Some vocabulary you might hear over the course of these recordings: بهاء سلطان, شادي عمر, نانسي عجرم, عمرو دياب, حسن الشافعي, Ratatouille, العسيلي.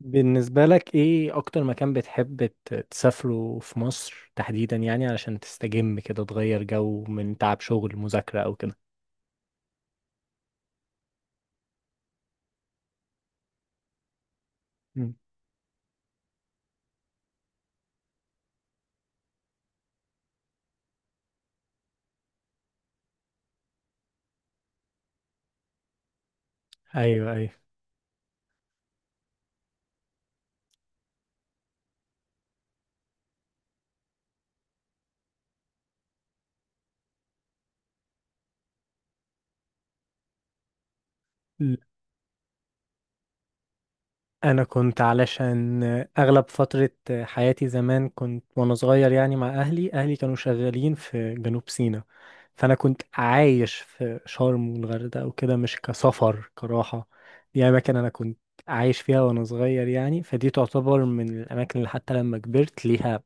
بالنسبة لك ايه اكتر مكان بتحب تسافره في مصر تحديدا، يعني علشان تستجم كده، تغير جو من تعب شغل مذاكرة او كده. مم. ايوه ايوه. ل- انا كنت، علشان اغلب فترة حياتي زمان كنت وانا صغير يعني مع اهلي كانوا شغالين في جنوب سيناء، فانا كنت عايش في شرم والغردقة وكده. مش كسفر كراحة، دي اماكن انا كنت عايش فيها وانا صغير يعني. فدي تعتبر من الاماكن اللي حتى لما كبرت ليها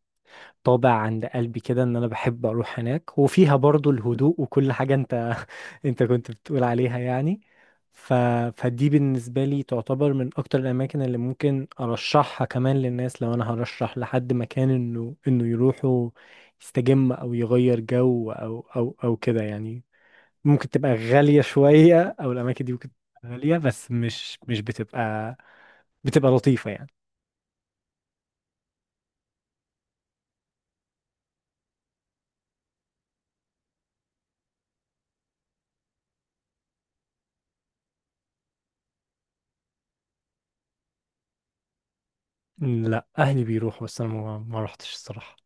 طابع عند قلبي كده، ان انا بحب اروح هناك، وفيها برضو الهدوء وكل حاجة انت انت كنت بتقول عليها يعني. ف... فدي بالنسبة لي تعتبر من اكتر الاماكن اللي ممكن ارشحها كمان للناس، لو انا هرشح لحد مكان انه يروحوا يستجم او يغير جو او او كده يعني. ممكن تبقى غالية شوية، او الاماكن دي ممكن تبقى غالية، بس مش بتبقى لطيفة يعني. لا، اهلي بيروحوا، بس انا ما رحتش الصراحة.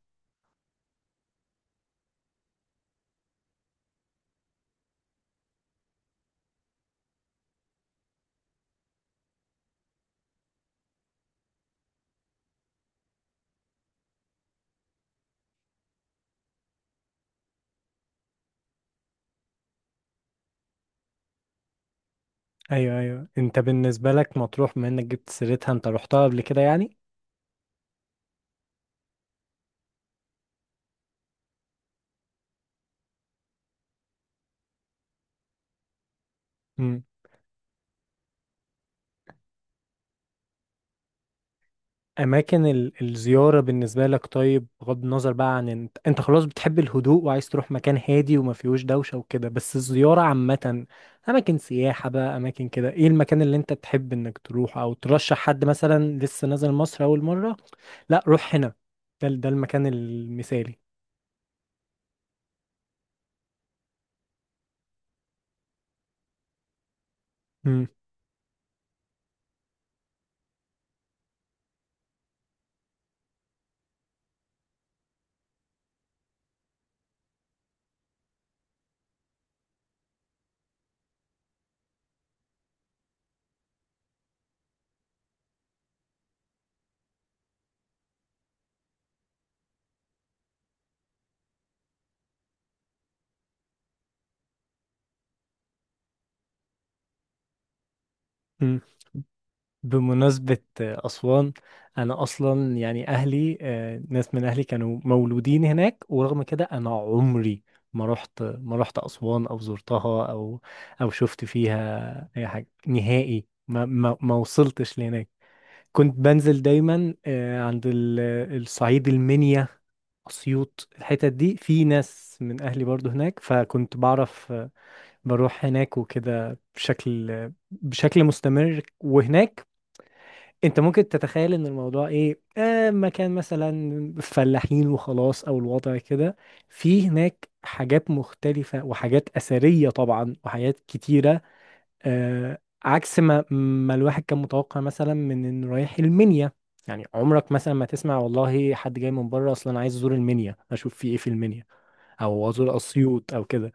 ايوه ايوه. انت بالنسبه لك مطروح، بما انك جبت سيرتها، انت رحتها قبل كده يعني؟ امم. اماكن الزياره بالنسبه لك، طيب بغض النظر بقى عن انت، انت خلاص بتحب الهدوء وعايز تروح مكان هادي وما فيهوش دوشه وكده. بس الزياره عامه، اماكن سياحه بقى، اماكن كده، ايه المكان اللي انت تحب انك تروح او ترشح حد مثلا لسه نازل مصر اول مره؟ لا، روح هنا، ده المكان المثالي. امم. بمناسبة أسوان، أنا أصلا يعني أهلي، ناس من أهلي كانوا مولودين هناك، ورغم كده أنا عمري ما رحت أسوان، أو زرتها أو شفت فيها أي حاجة نهائي. ما وصلتش لهناك. كنت بنزل دايما عند الصعيد، المنيا، أسيوط، الحتت دي، في ناس من أهلي برضو هناك، فكنت بعرف بروح هناك وكده بشكل مستمر. وهناك انت ممكن تتخيل ان الموضوع ايه، آه، مكان مثلا فلاحين وخلاص او الوضع كده. في هناك حاجات مختلفة وحاجات أثرية طبعا وحاجات كتيرة، آه، عكس ما الواحد كان متوقع مثلا، من انه رايح المنيا. يعني عمرك مثلا ما تسمع والله حد جاي من بره اصلا عايز ازور المنيا، اشوف في ايه في المنيا او ازور اسيوط او كده.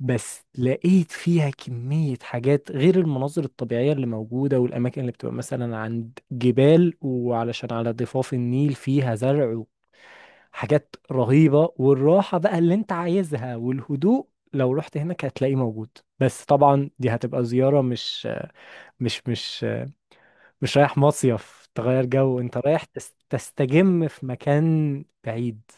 بس لقيت فيها كمية حاجات، غير المناظر الطبيعية اللي موجودة، والأماكن اللي بتبقى مثلا عند جبال وعلشان على ضفاف النيل فيها زرع وحاجات رهيبة. والراحة بقى اللي انت عايزها والهدوء، لو رحت هناك هتلاقيه موجود. بس طبعا دي هتبقى زيارة، مش مش مش رايح مصيف تغير جو، انت رايح تستجم في مكان بعيد.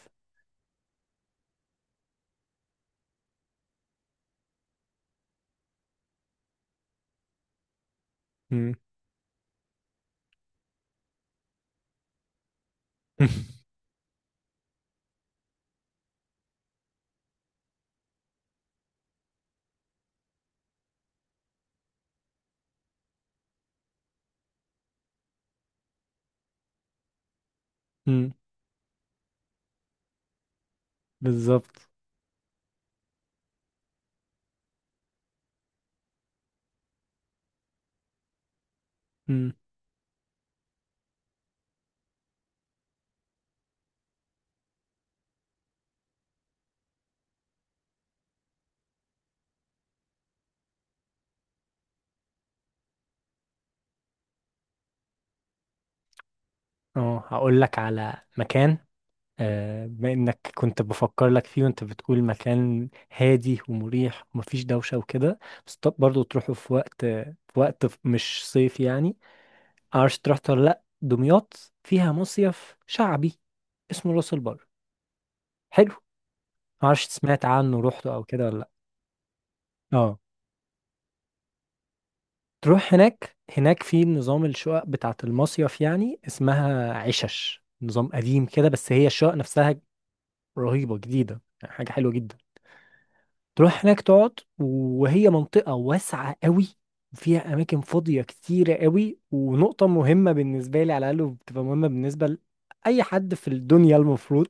مم. مم. بالظبط. مم. اه، هقول لك على مكان، بما انك كنت بفكر لك فيه، وانت بتقول مكان هادي ومريح ومفيش دوشة وكده. بس طب برضه تروحوا في وقت، في وقت مش صيف يعني. معرفش تروح ولا لا، دمياط فيها مصيف شعبي اسمه راس البر، حلو. معرفش سمعت عنه، روحته او كده ولا لا. اه، تروح هناك، هناك في نظام الشقق بتاعة المصيف، يعني اسمها عشش، نظام قديم كده، بس هي الشقق نفسها رهيبة، جديدة يعني، حاجة حلوة جدا. تروح هناك تقعد، وهي منطقة واسعة قوي، فيها أماكن فاضية كتيرة قوي. ونقطة مهمة بالنسبة لي على الأقل، بتبقى مهمة بالنسبة لأي حد في الدنيا المفروض،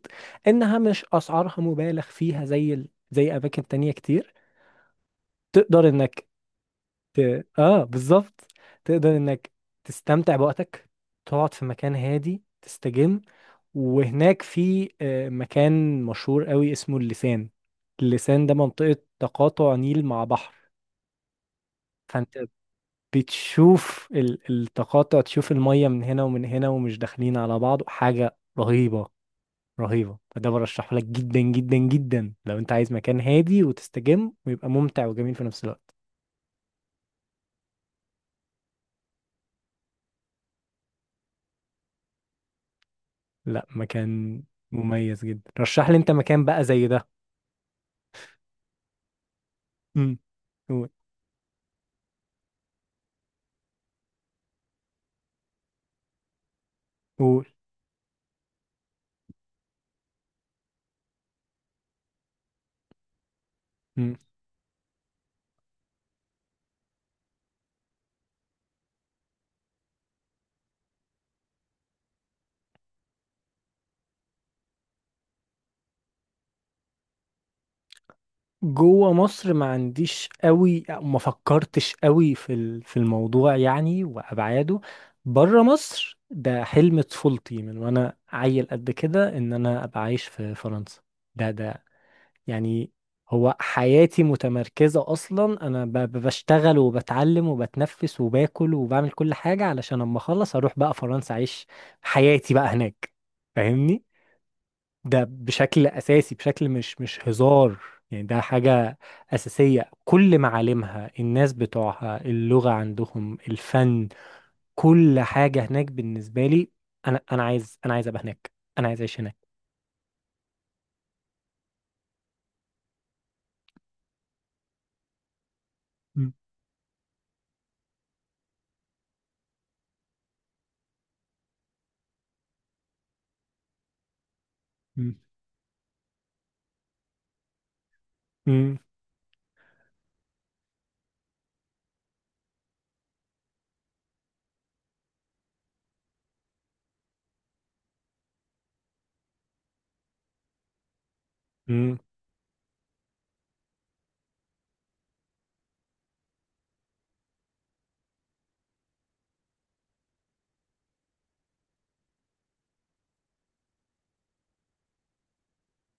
إنها مش أسعارها مبالغ فيها زي زي أماكن تانية كتير. تقدر إنك آه، بالظبط، تقدر إنك تستمتع بوقتك، تقعد في مكان هادي تستجم. وهناك في آه، مكان مشهور قوي اسمه اللسان. اللسان ده منطقة تقاطع نيل مع بحر، فانت بتشوف التقاطع، تشوف المية من هنا ومن هنا ومش داخلين على بعض، حاجة رهيبة. فده برشحه لك جدا جدا جدا، لو انت عايز مكان هادي وتستجم ويبقى ممتع وجميل في نفس الوقت. لا، مكان مميز جدا. رشح لي انت مكان بقى زي ده. امم. قول، قول. جوه مصر ما عنديش قوي، أو ما فكرتش قوي في في الموضوع يعني وابعاده. بره مصر ده حلم طفولتي، من وانا عيل قد كده، ان انا ابقى عايش في فرنسا. ده يعني، هو حياتي متمركزة اصلا، انا بشتغل وبتعلم وبتنفس وباكل وبعمل كل حاجة، علشان اما اخلص اروح بقى فرنسا، اعيش حياتي بقى هناك، فاهمني؟ ده بشكل اساسي، بشكل مش مش هزار يعني. ده حاجة أساسية، كل معالمها، الناس بتوعها، اللغة عندهم، الفن، كل حاجة هناك بالنسبة لي. أنا عايز، أنا عايز أبقى هناك، أنا عايز أعيش هناك. مم. مم. مم. مم.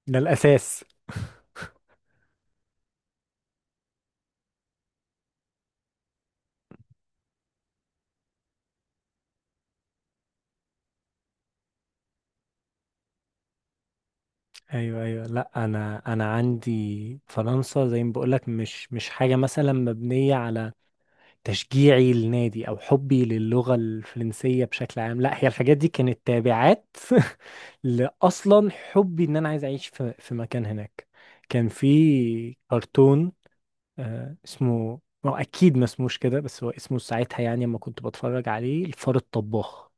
ده الأساس. أيوه أيوه. لأ، أنا عندي فرنسا زي ما بقولك، مش حاجة مثلا مبنية على تشجيعي للنادي او حبي للغة الفرنسية بشكل عام. لا، هي الحاجات دي كانت تابعات لاصلا حبي ان انا عايز اعيش في في مكان هناك. كان في كرتون اسمه، هو اكيد ما اسموش كده، بس هو اسمه ساعتها يعني لما كنت بتفرج عليه، الفار الطباخ.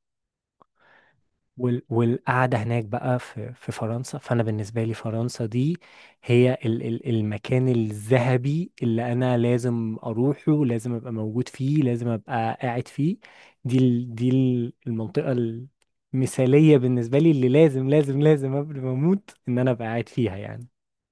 والقعدة هناك بقى في في فرنسا. فأنا بالنسبة لي فرنسا دي هي المكان الذهبي اللي أنا لازم أروحه، لازم أبقى موجود فيه، لازم أبقى قاعد فيه. المنطقة المثالية بالنسبة لي، اللي لازم لازم لازم قبل ما أموت إن أنا أبقى قاعد فيها يعني.